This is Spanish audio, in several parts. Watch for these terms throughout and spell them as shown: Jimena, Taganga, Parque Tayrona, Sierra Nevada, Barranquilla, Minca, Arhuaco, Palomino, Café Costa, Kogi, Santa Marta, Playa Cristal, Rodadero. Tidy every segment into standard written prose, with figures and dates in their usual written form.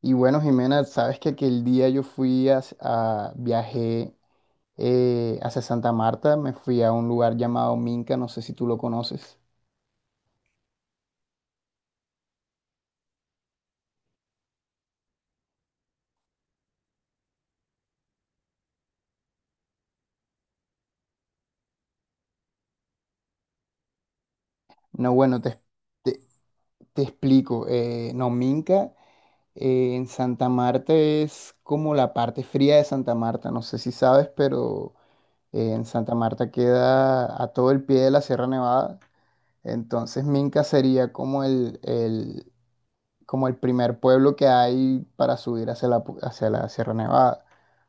Y bueno, Jimena, sabes que aquel día yo fui viajé hacia Santa Marta, me fui a un lugar llamado Minca, no sé si tú lo conoces. No, bueno, te, te explico. No, Minca en Santa Marta es como la parte fría de Santa Marta, no sé si sabes, pero en Santa Marta queda a todo el pie de la Sierra Nevada. Entonces Minca sería como el primer pueblo que hay para subir hacia la Sierra Nevada.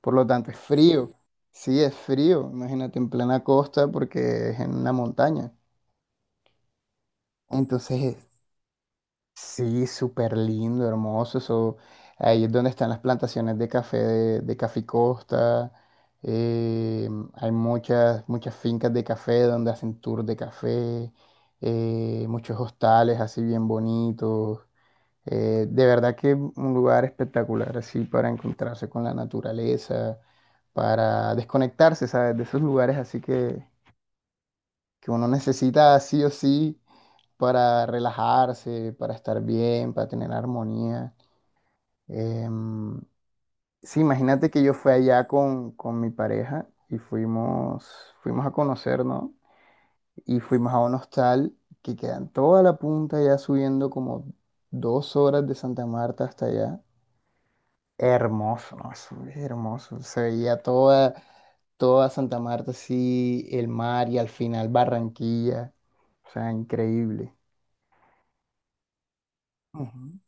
Por lo tanto, es frío. Sí, es frío. Imagínate en plena costa porque es en una montaña. Entonces, sí, súper lindo, hermoso. Eso, ahí es donde están las plantaciones de café de Café Costa. Eh, Hay muchas fincas de café donde hacen tour de café. Muchos hostales así bien bonitos. De verdad que un lugar espectacular, así para encontrarse con la naturaleza, para desconectarse, ¿sabes? De esos lugares así que uno necesita sí o sí para relajarse, para estar bien, para tener armonía. Em, sí, imagínate que yo fui allá con mi pareja y fuimos a conocer, ¿no? Y fuimos a un hostal que queda en toda la punta, ya subiendo como 2 horas de Santa Marta hasta allá. Hermoso, ¿no? Eso es hermoso. Se veía toda Santa Marta así, el mar y al final Barranquilla. O sea, increíble. Ujú.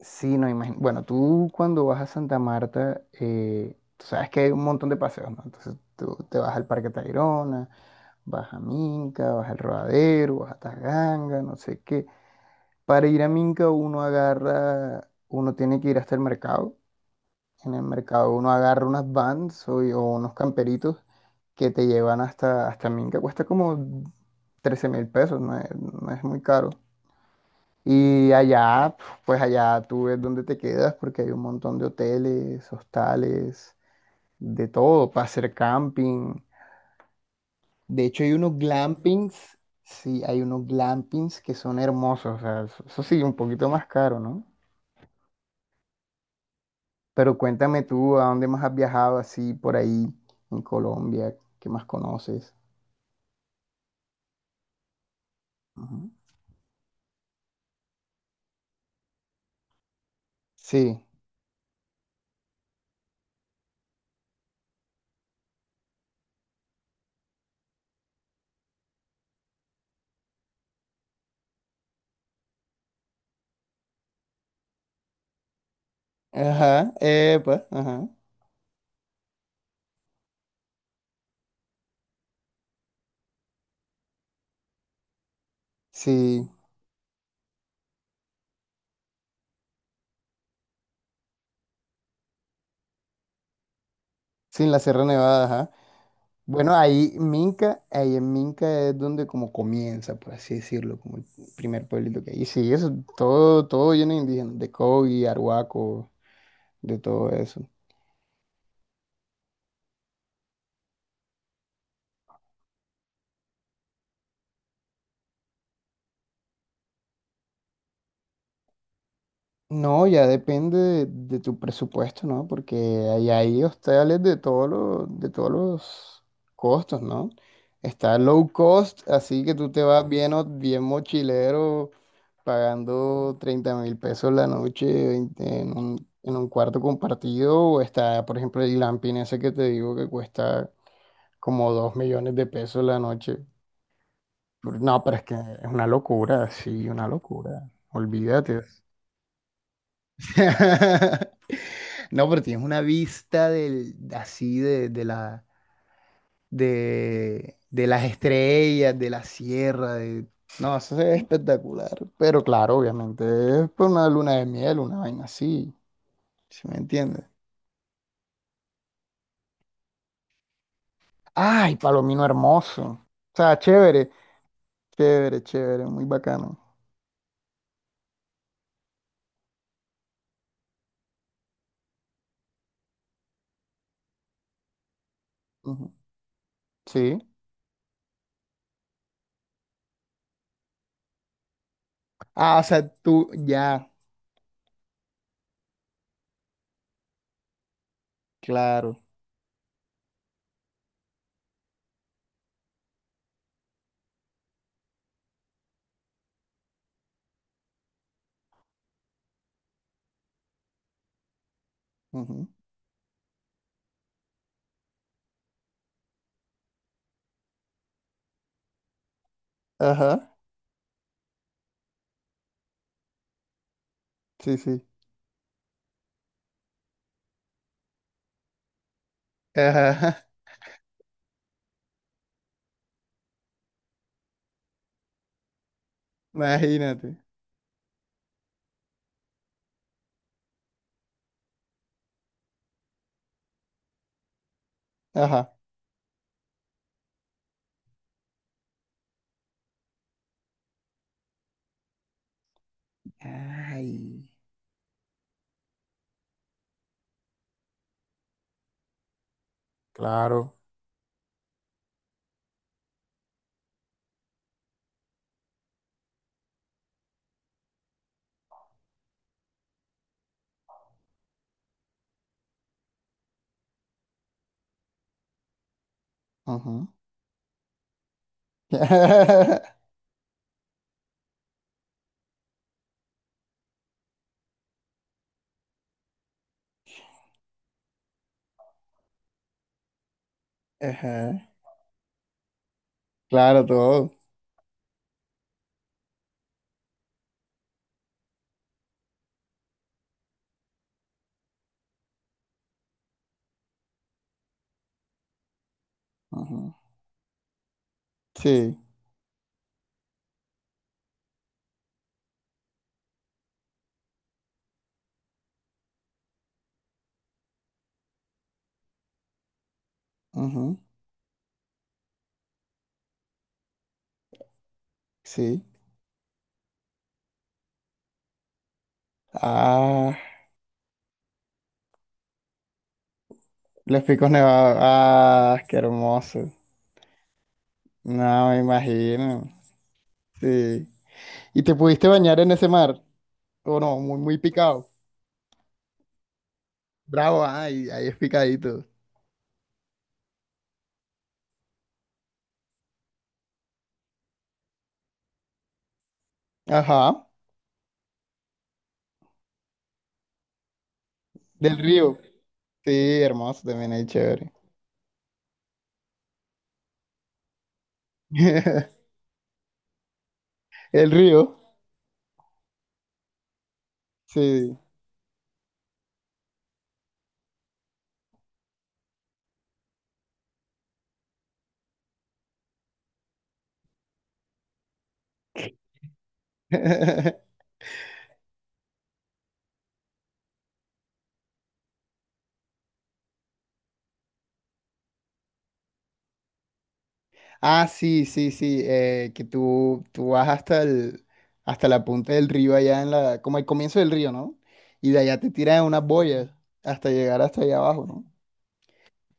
Sí, no imagino. Bueno, tú cuando vas a Santa Marta, tú sabes que hay un montón de paseos, ¿no? Entonces tú te vas al Parque Tayrona, vas a Minca, vas al Rodadero, vas a Taganga, no sé qué. Para ir a Minca uno agarra, uno tiene que ir hasta el mercado. En el mercado uno agarra unas vans o unos camperitos que te llevan hasta Minca, cuesta como 13.000 pesos, no es muy caro. Y allá, pues allá tú ves dónde te quedas, porque hay un montón de hoteles, hostales, de todo, para hacer camping. De hecho, hay unos glampings, sí, hay unos glampings que son hermosos, o sea, eso sí, un poquito más caro, ¿no? Pero cuéntame tú, ¿a dónde más has viajado así por ahí en Colombia? ¿Qué más conoces? Ujú. Sí, ajá, pues, ajá. Sí, sí, en la Sierra Nevada, ajá. Bueno, ahí Minca, ahí en Minca es donde como comienza, por así decirlo, como el primer pueblito que hay. Y sí, eso, todo lleno de indígenas, de Kogi, Arhuaco, de todo eso. No, ya depende de tu presupuesto, ¿no? Porque hay hostales de todos los costos, ¿no? Está low cost, así que tú te vas bien, bien mochilero, pagando 30.000 pesos la noche 20 en un cuarto compartido. O está, por ejemplo, el glamping ese que te digo que cuesta como 2 millones de pesos la noche. No, pero es que es una locura, sí, una locura. Olvídate. No, pero tienes una vista del, así de la, de las estrellas, de la sierra, de... No, eso es espectacular. Pero claro, obviamente, es pues, una luna de miel, una vaina así, ¿sí me entiendes? ¡Ay, Palomino hermoso! O sea, chévere, chévere, chévere, muy bacano. Ujú. Sí. Ah, o sea, tú, ya, claro. Ujú. Ajá, sí, sí. Ajá, imagínate. Ajá. Ay, claro. Ajá. Ajá. Claro, todo. Ajá. Sí. Ajá. Sí. Ah, los picos nevados. Ah, qué hermoso. No, me imagino. Sí. ¿Y te pudiste bañar en ese mar? ¿O no? Muy, muy picado. Bravo, ah, ahí es picadito. Ajá. Del río. Sí, hermoso, también ahí chévere. El río. Sí. Ah, sí, sí, sí, que tú vas hasta el, hasta la punta del río allá en la, como el comienzo del río, ¿no? Y de allá te tiran en unas boyas hasta llegar hasta allá abajo, ¿no?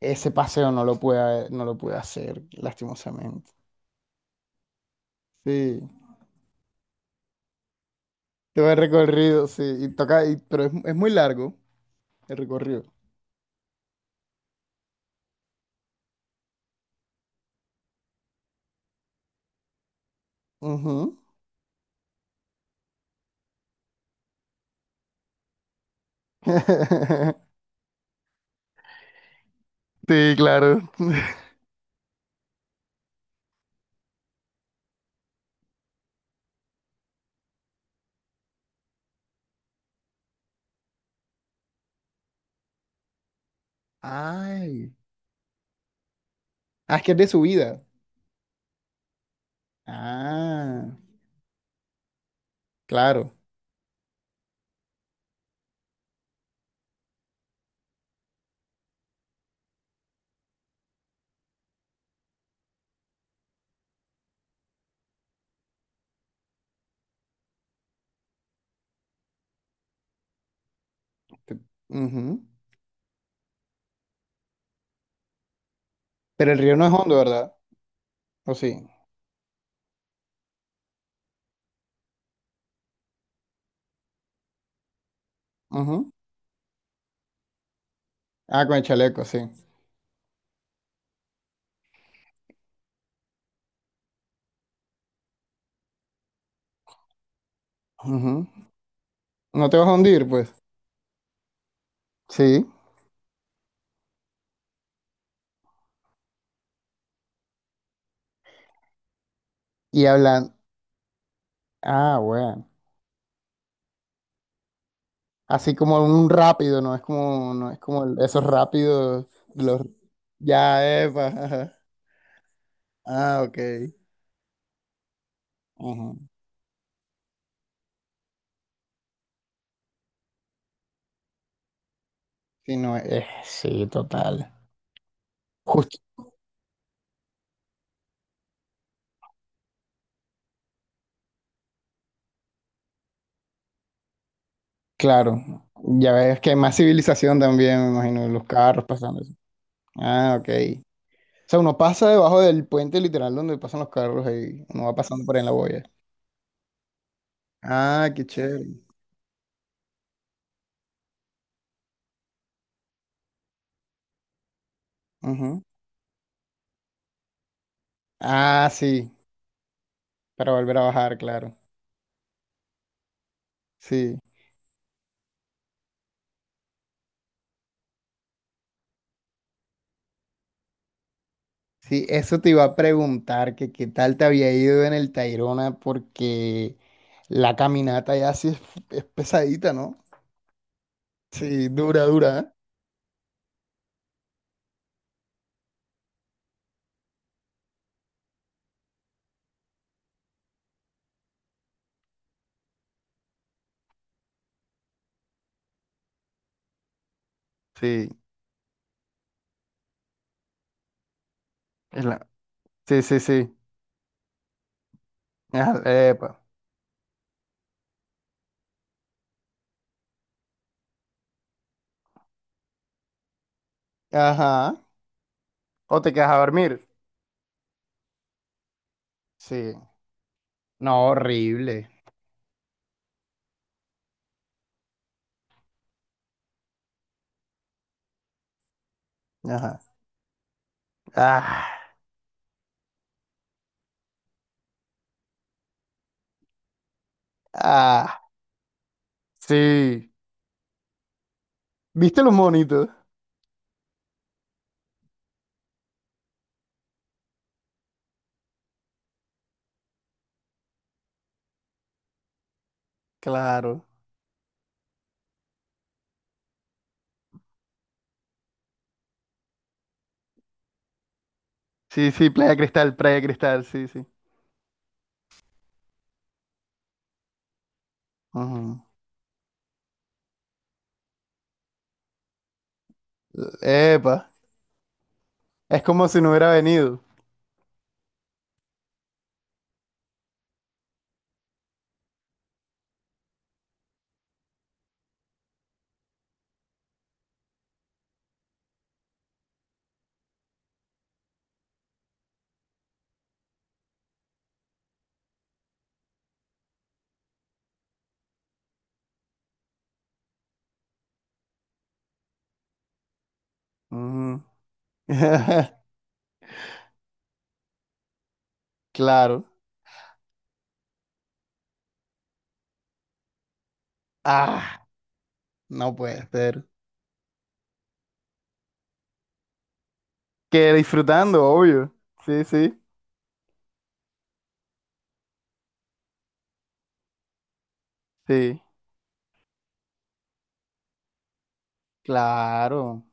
Ese paseo no lo pude hacer, lastimosamente. Sí, todo el recorrido, sí, y toca, pero es muy largo el recorrido. Ujú. Sí, claro. Ay, ah, es que es de subida. Ah, claro. Te- Ujú. Pero el río no es hondo, ¿verdad? ¿O sí? Ujú. Ah, con el chaleco, sí. Ujú. No te vas a hundir, pues. Sí. Y hablan. Ah, bueno. Así como un rápido, no es como esos rápidos, los ya, epa. Ajá. Ah, ok. Ujú. Sí, no, sí, total. Justo, claro. Ya ves que hay más civilización también, me imagino, los carros pasando eso. Ah, ok. O sea, uno pasa debajo del puente literal donde pasan los carros y uno va pasando por ahí en la boya. Ah, qué chévere. Ujú. Ah, sí, para volver a bajar, claro. Sí, sí, eso te iba a preguntar, que qué tal te había ido en el Tayrona, porque la caminata ya sí es pesadita, ¿no? Sí, dura, dura, ¿eh? Sí, es la- sí, sí, sí. Ah, epa. Ajá. ¿O te quedas a dormir? Sí. No, horrible. Ajá. Ah, ah, sí. ¿Viste los monitos? Claro. Sí, sí, Playa Cristal, Playa Cristal, sí, sí. Ujú. Epa, es como si no hubiera venido. Ujú. Claro. Ah, no puede ser. Que disfrutando, obvio. Sí, sí, sí. Claro.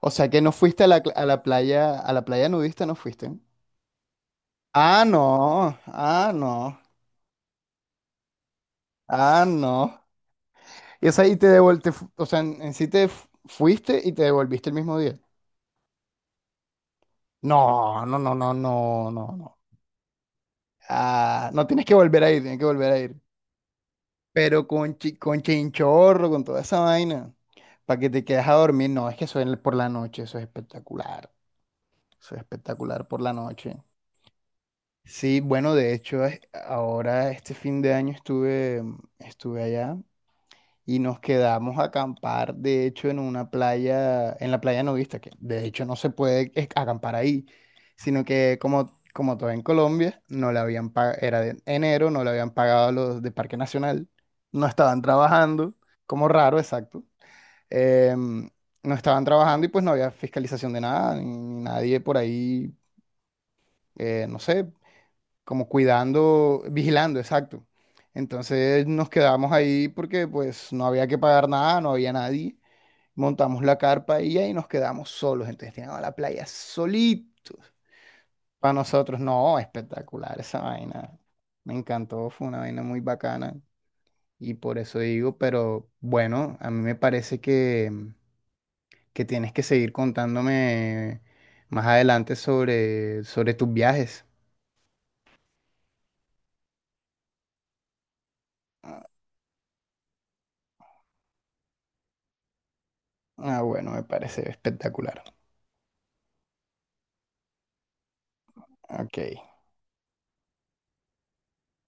O sea que no fuiste a la, cl- a la playa nudista no fuiste. Ah, no. Ah, no. Ah, no. Y, o sea, y te devolviste, o sea, en sí fuiste y te devolviste el mismo día. No, no, no, no, no, no, no. Ah, no tienes que volver a ir, tienes que volver a ir. Pero con chinchorro, con toda esa vaina, para que te quedes a dormir. No, es que eso es por la noche, eso es espectacular. Eso es espectacular por la noche. Sí, bueno, de hecho, ahora este fin de año estuve, allá y nos quedamos a acampar, de hecho, en una playa, en la playa nudista, que de hecho no se puede acampar ahí, sino que como todo en Colombia, no le habían pagado, era de enero, no le habían pagado a los de Parque Nacional, no estaban trabajando, como raro, exacto. em, no estaban trabajando y pues no había fiscalización de nada, ni nadie por ahí, no sé, como cuidando, vigilando, exacto. Entonces nos quedamos ahí porque pues no había que pagar nada, no había nadie. Montamos la carpa y ahí nos quedamos solos. Entonces teníamos la playa solitos. Para nosotros, no, espectacular esa vaina. Me encantó, fue una vaina muy bacana y por eso digo, pero bueno, a mí me parece que tienes que seguir contándome más adelante sobre tus viajes. Ah, bueno, me parece espectacular. Ok.